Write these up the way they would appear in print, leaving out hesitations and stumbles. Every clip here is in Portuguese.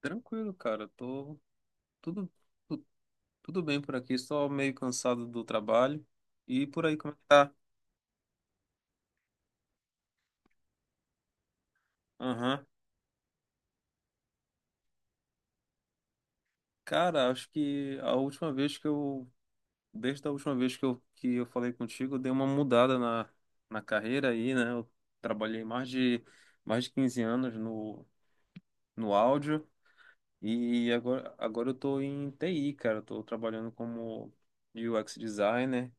Tranquilo, cara. Tô tudo, tu- tudo bem por aqui, só meio cansado do trabalho. E por aí, como é que tá? Aham. Cara, acho que a última vez que eu, desde a última vez que eu falei contigo, eu dei uma mudada na carreira aí, né? Eu trabalhei mais de 15 anos no áudio e agora eu tô em TI, cara. Eu tô trabalhando como UX designer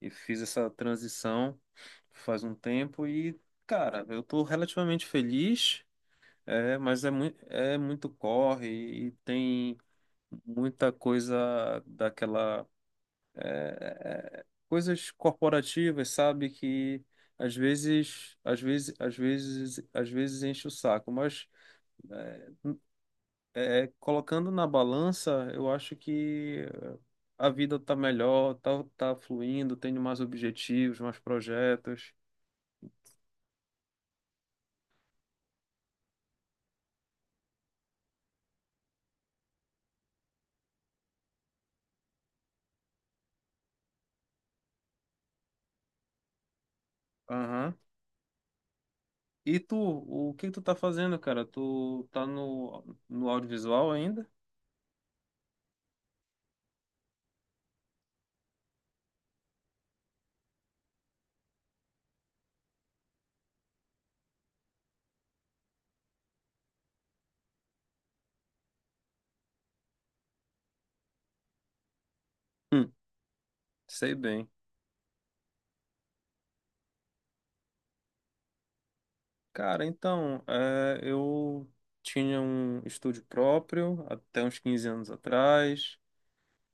e fiz essa transição faz um tempo e, cara, eu tô relativamente feliz, mas é muito corre e tem muita coisa daquela, coisas corporativas, sabe, que às vezes enche o saco, mas colocando na balança, eu acho que a vida tá melhor, tá fluindo, tenho mais objetivos, mais projetos. Aham. E tu, o que tu tá fazendo, cara? Tu tá no audiovisual ainda? Hum, sei bem. Cara, então, eu tinha um estúdio próprio até uns 15 anos atrás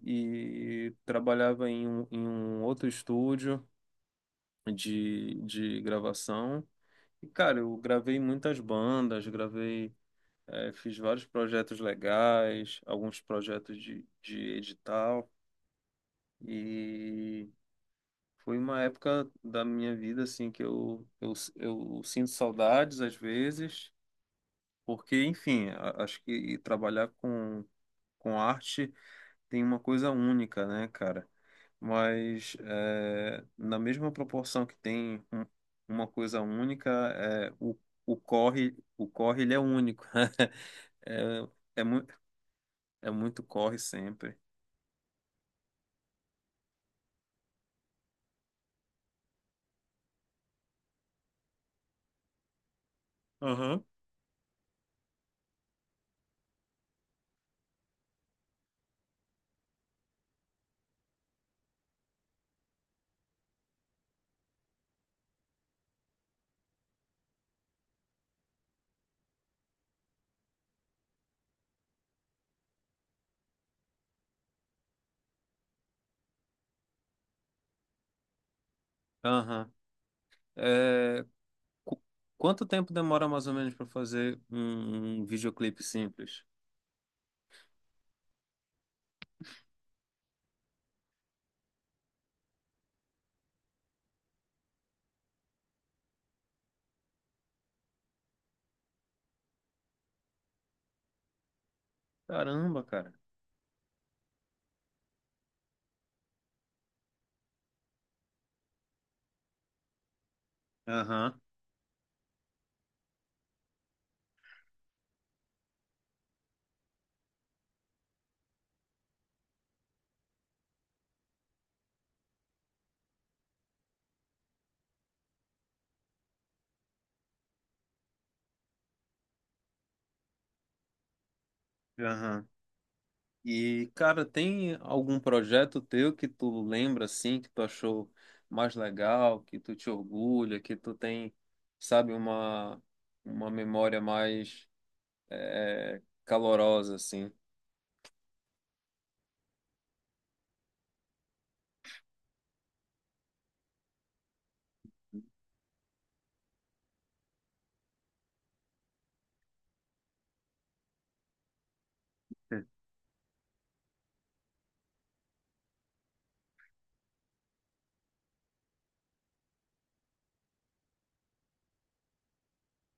e trabalhava em um outro estúdio de gravação. E, cara, eu gravei muitas bandas, fiz vários projetos legais, alguns projetos de edital. E foi uma época da minha vida assim que eu sinto saudades às vezes, porque, enfim, acho que trabalhar com arte tem uma coisa única, né, cara? Mas na mesma proporção que tem uma coisa única. O corre, o corre ele é único. É, é, mu é muito corre sempre. Aham. Aham. Qu- Quanto tempo demora mais ou menos para fazer um videoclipe simples? Caramba, cara. Aham, aham. E, cara, tem algum projeto teu que tu lembra assim, que tu achou mais legal, que tu te orgulha, que tu tem, sabe, uma memória mais calorosa, assim? Sim.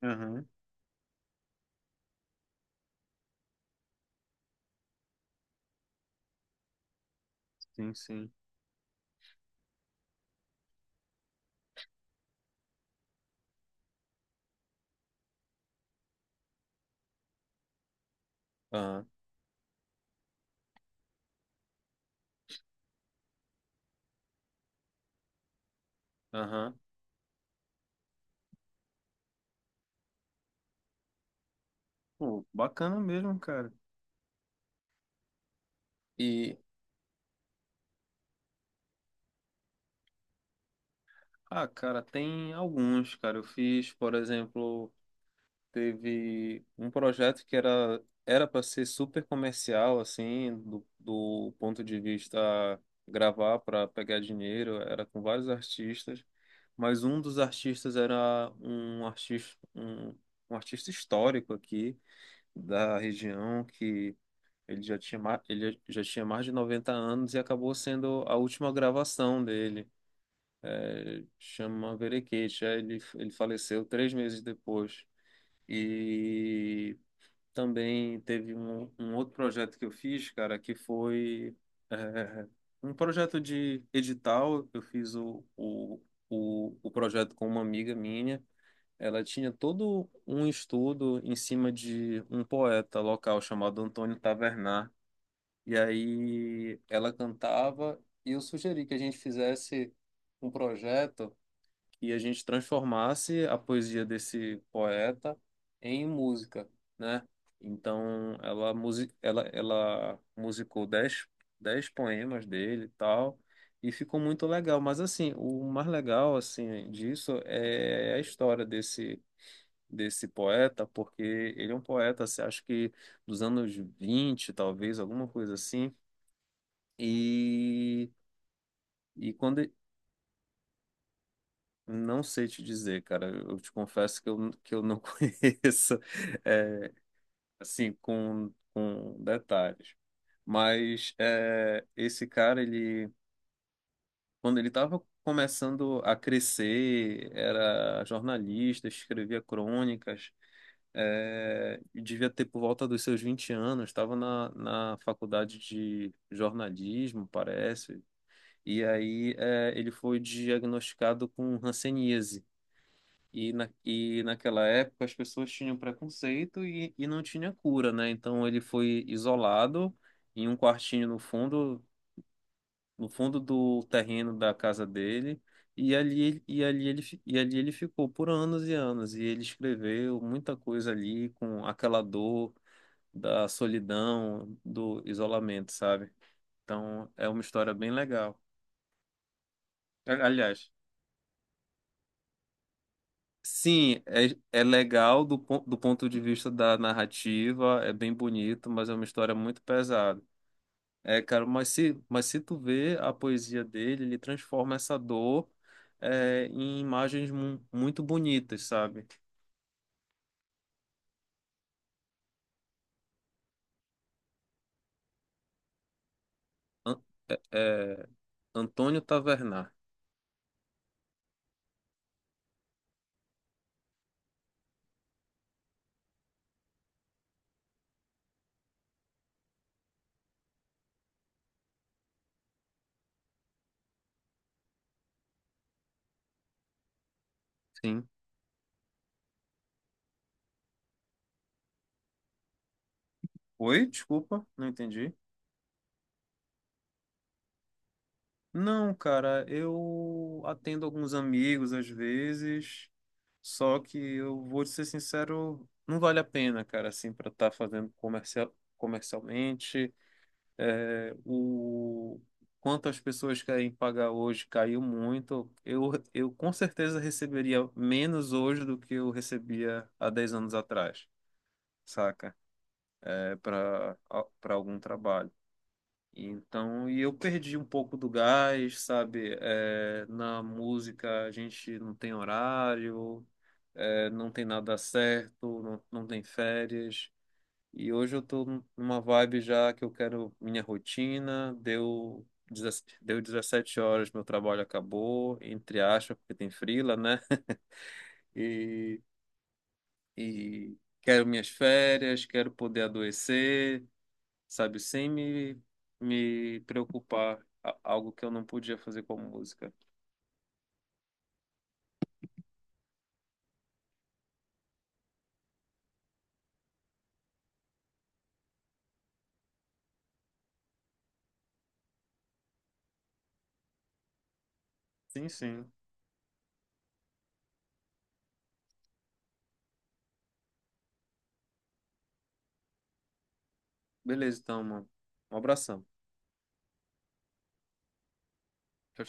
Aham, sim, sim. Aham, aham. Pô, bacana mesmo, cara. E Ah, cara, tem alguns, cara. Eu fiz, por exemplo, teve um projeto que era para ser super comercial, assim, do ponto de vista gravar para pegar dinheiro, era com vários artistas, mas um dos artistas era um artista histórico aqui da região que ele já tinha mais de 90 anos e acabou sendo a última gravação dele, chama Verekesh. Aí ele faleceu 3 meses depois. E também teve um outro projeto que eu fiz, cara, que foi é, um projeto de edital. Eu fiz o projeto com uma amiga minha. Ela tinha todo um estudo em cima de um poeta local chamado Antônio Tavernar. E aí ela cantava e eu sugeri que a gente fizesse um projeto e a gente transformasse a poesia desse poeta em música, né? Então, ela musicou dez poemas dele e tal, e ficou muito legal. Mas, assim, o mais legal, assim, disso é a história desse poeta, porque ele é um poeta, assim, acho que dos anos 20, talvez, alguma coisa assim. e... E quando, Não sei te dizer, cara. Eu te confesso que eu não conheço, é, assim, com detalhes. Mas esse cara, quando ele estava começando a crescer, era jornalista, escrevia crônicas, e devia ter por volta dos seus 20 anos, estava na faculdade de jornalismo, parece. E aí ele foi diagnosticado com hanseníase. E, e naquela época as pessoas tinham preconceito e não tinha cura, né? Então ele foi isolado em um quartinho no fundo, no fundo do terreno da casa dele, e ali, e ali ele ficou por anos e anos. E ele escreveu muita coisa ali com aquela dor da solidão, do isolamento, sabe? Então é uma história bem legal. Aliás. Sim, é legal do ponto de vista da narrativa, é bem bonito, mas é uma história muito pesada. É, cara, mas se tu vê a poesia dele, ele transforma essa dor, em imagens muito bonitas, sabe? An- é, é, Antônio Tavernar, sim. Oi? Desculpa, não entendi. Não, cara, eu atendo alguns amigos às vezes. Só que eu vou te ser sincero, não vale a pena, cara, assim, para estar fazendo comercialmente. É, o quanto as pessoas querem pagar hoje caiu muito. Eu com certeza receberia menos hoje do que eu recebia há 10 anos atrás, saca? É, para algum trabalho. Então, e eu perdi um pouco do gás, sabe? É, na música a gente não tem horário, não tem nada certo, não tem férias. E hoje eu tô numa vibe já que eu quero minha rotina, deu, 17 deu 17 horas, meu trabalho acabou, entre aspas, porque tem frila, né? E, e quero minhas férias, quero poder adoecer, sabe, sem me preocupar, algo que eu não podia fazer com a música. Sim, sim. Beleza, então, mano. Um abração.